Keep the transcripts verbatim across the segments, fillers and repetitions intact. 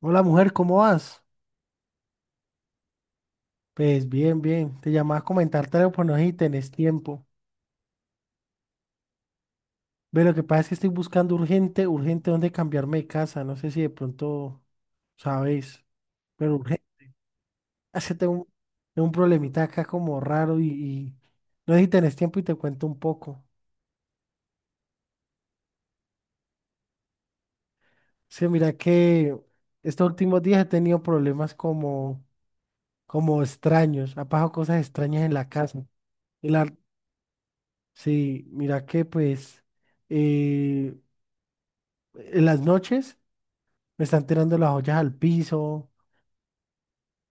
Hola mujer, ¿cómo vas? Pues bien, bien. Te llamaba a comentarte algo, pero no sé si tenés tiempo. Ve, lo que pasa es que estoy buscando urgente, urgente dónde cambiarme de casa. No sé si de pronto sabes, pero urgente. Hace Tengo un, tengo un problemita acá como raro y, y no sé si tenés tiempo y te cuento un poco. Sí, mira que estos últimos días he tenido problemas como, como extraños. Ha pasado cosas extrañas en la casa. Y la, sí, mira que pues... eh, En las noches me están tirando las ollas al piso,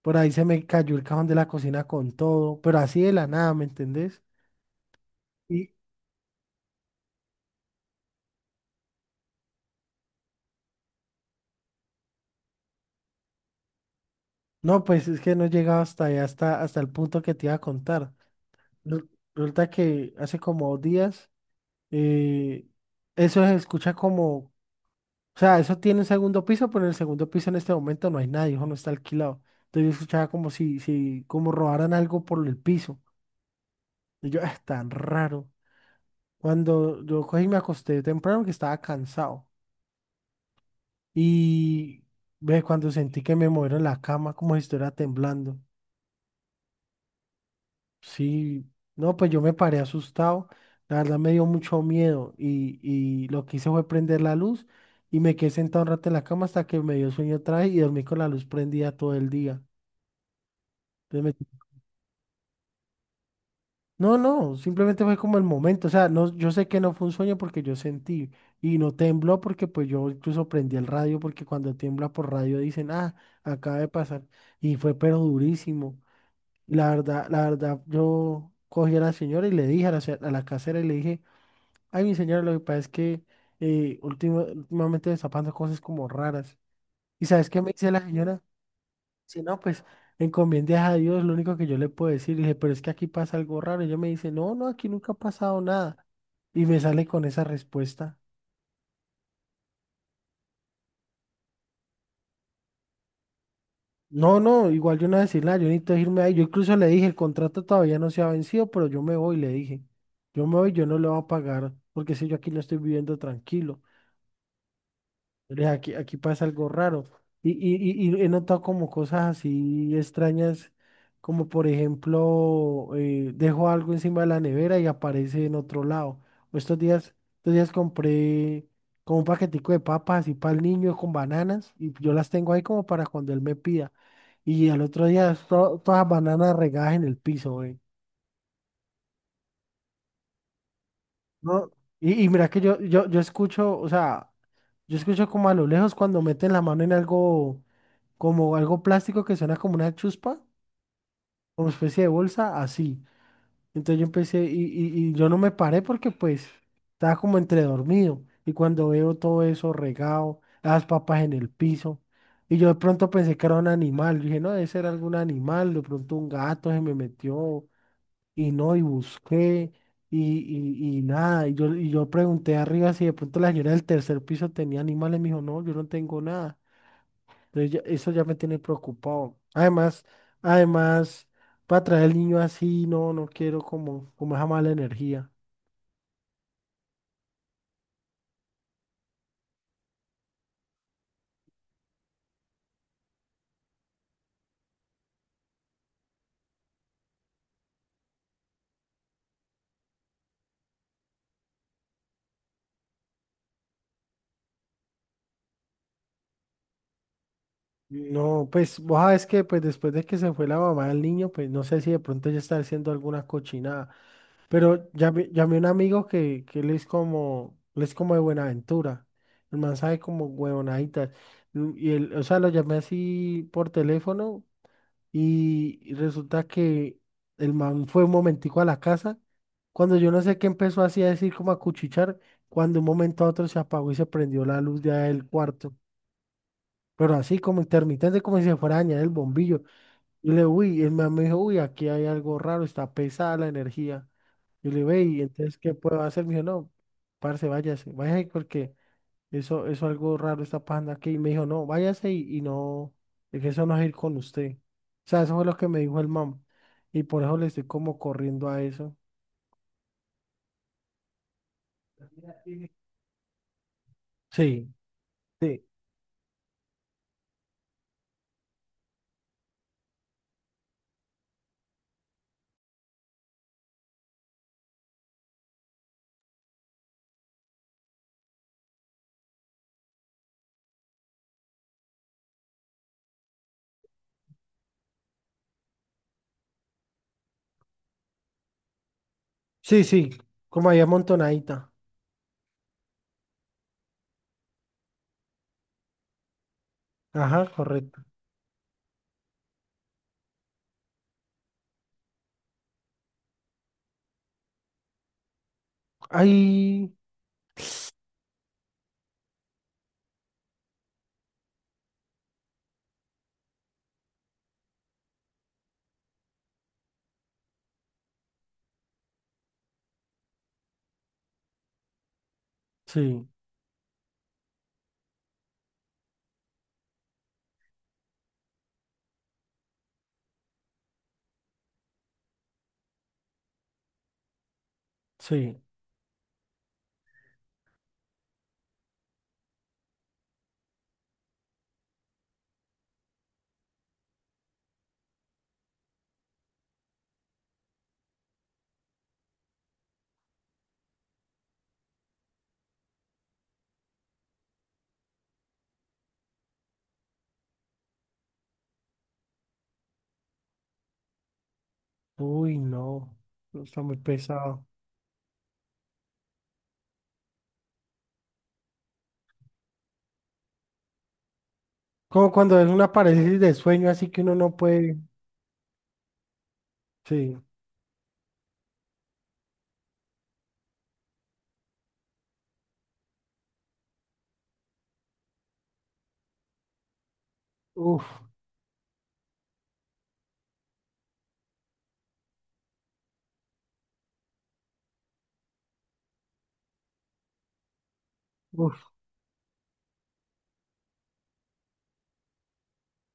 por ahí se me cayó el cajón de la cocina con todo, pero así de la nada, ¿me entendés? Y no, pues es que no he llegado hasta ahí, hasta, hasta el punto que te iba a contar. Re- Resulta que hace como dos días, eh, eso se escucha como, o sea, eso tiene un segundo piso, pero en el segundo piso en este momento no hay nadie, hijo, no está alquilado. Entonces yo escuchaba como si, si, como robaran algo por el piso. Y yo, es tan raro. Cuando yo cogí y me acosté temprano que estaba cansado. Y ve cuando sentí que me movieron la cama como si estuviera temblando. Sí, no, pues yo me paré asustado. La verdad me dio mucho miedo y, y lo que hice fue prender la luz y me quedé sentado un rato en la cama hasta que me dio sueño otra vez y dormí con la luz prendida todo el día. Entonces no, no, simplemente fue como el momento, o sea, no, yo sé que no fue un sueño porque yo sentí y no tembló porque pues yo incluso prendí el radio porque cuando tiembla por radio dicen, ah, acaba de pasar y fue pero durísimo. Y la verdad, la verdad, yo cogí a la señora y le dije a la, se- a la casera y le dije, ay, mi señora, lo que pasa es que eh, último- últimamente me está pasando cosas como raras. ¿Y sabes qué me dice la señora? Si no, pues encomiendes a Dios, lo único que yo le puedo decir, le dije, pero es que aquí pasa algo raro. Y ella me dice, no, no, aquí nunca ha pasado nada. Y me sale con esa respuesta. No, no, igual yo no voy a decir nada, yo necesito irme ahí. Yo incluso le dije, el contrato todavía no se ha vencido, pero yo me voy, le dije. Yo me voy, yo no le voy a pagar, porque si yo aquí no estoy viviendo tranquilo. Ve, Aquí, aquí pasa algo raro. Y, y, y- y he notado como cosas así extrañas, como por ejemplo, eh, dejo algo encima de la nevera y aparece en otro lado. O estos días, estos días compré como un paquetico de papas y para el niño con bananas y yo las tengo ahí como para cuando él me pida. Y al otro día to- todas las bananas regadas en el piso, güey. No, y, y mira que yo, yo, yo escucho, o sea, yo escucho como a lo lejos cuando meten la mano en algo. Como algo plástico que suena como una chuspa, como especie de bolsa, así. Entonces yo empecé y, y- y yo no me paré porque pues estaba como entre dormido. Y cuando veo todo eso regado, las papas en el piso, y yo de pronto pensé que era un animal. Yo dije, no, debe ser algún animal, de pronto un gato se me metió y no, y busqué. Y, y, y nada, y yo, y yo pregunté arriba si de pronto la señora del tercer piso tenía animales, me dijo, no, yo no tengo nada. Entonces ya- eso ya me tiene preocupado. Además, además, para traer al niño así, no, no quiero como, como esa mala energía. No, pues vos sabes que pues después de que se fue la mamá del niño, pues no sé si de pronto ella está haciendo alguna cochinada. Pero llamé, llamé a un amigo que, que él es como, él es como de Buenaventura. El man sabe como huevonaditas. Y y él, o sea, lo llamé así por teléfono. Y y resulta que el man fue un momentico a la casa. Cuando yo no sé qué empezó así a decir como a cuchichar, cuando un momento a otro se apagó y se prendió la luz ya del cuarto. Pero así como intermitente, como si se fuera a dañar el bombillo. Y le, uy, el man me dijo, uy, aquí hay algo raro, está pesada la energía. Y le, ve, y entonces, ¿qué puedo hacer? Me dijo, no, parce, váyase, váyase porque eso, eso algo raro está pasando aquí. Y me dijo, no, váyase y, y no, es que eso no es ir con usted. O sea, eso fue lo que me dijo el mam. Y por eso le estoy como corriendo a eso. Sí, sí, sí, sí, como ahí amontonadita. Ajá, correcto. Ay, sí, sí. Uy, no, eso está muy pesado. Como cuando es una parálisis de sueño, así que uno no puede. Sí, uf, uf,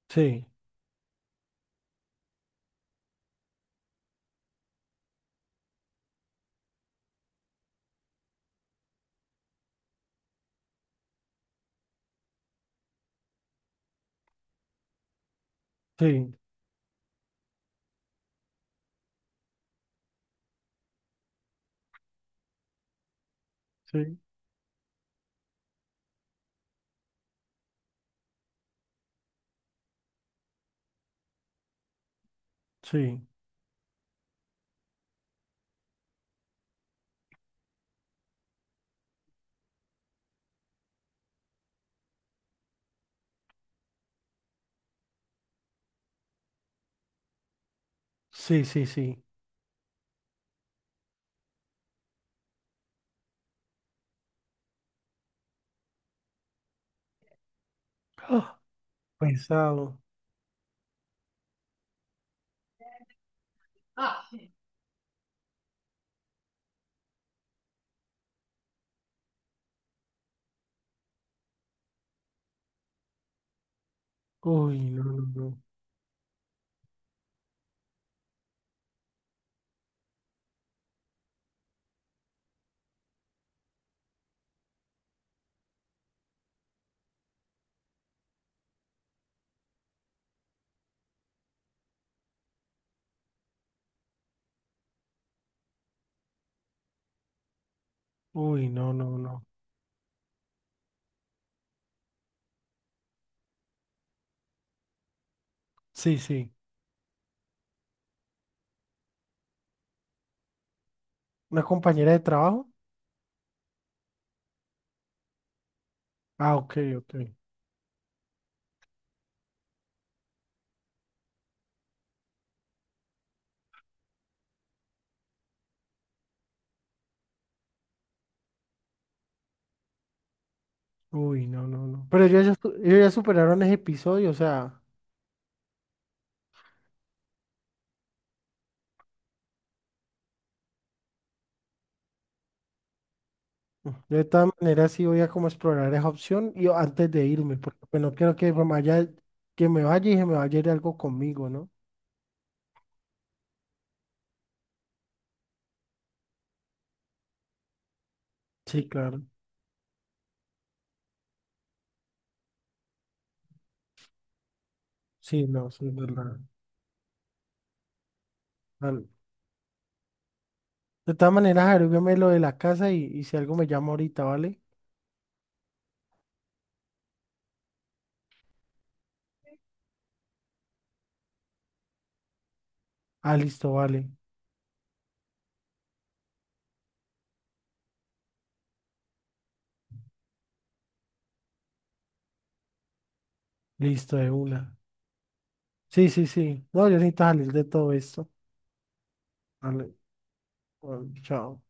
sí, sí, sí, sí, sí, sí, sí. Pesado. Ah. Uy, no, no, no. Uy, no, no, no. Sí, sí. ¿Una compañera de trabajo? Ah, ok, ok. Uy, no, no, no. Pero ellos ya, su- ellos ya superaron ese episodio, o sea, yo de todas maneras sí voy a como explorar esa opción y antes de irme, porque pues no quiero que me vaya, que me vaya y se me vaya a ir algo conmigo, ¿no? Sí, claro. Sí, no, sí, es verdad. Vale. De todas maneras, averígüeme lo de la casa y, y si algo me llama ahorita, ¿vale? Ah, listo, vale. Listo, de una. Sí, sí, sí. No, yo necesito salir de todo esto. Vale, bueno, chao.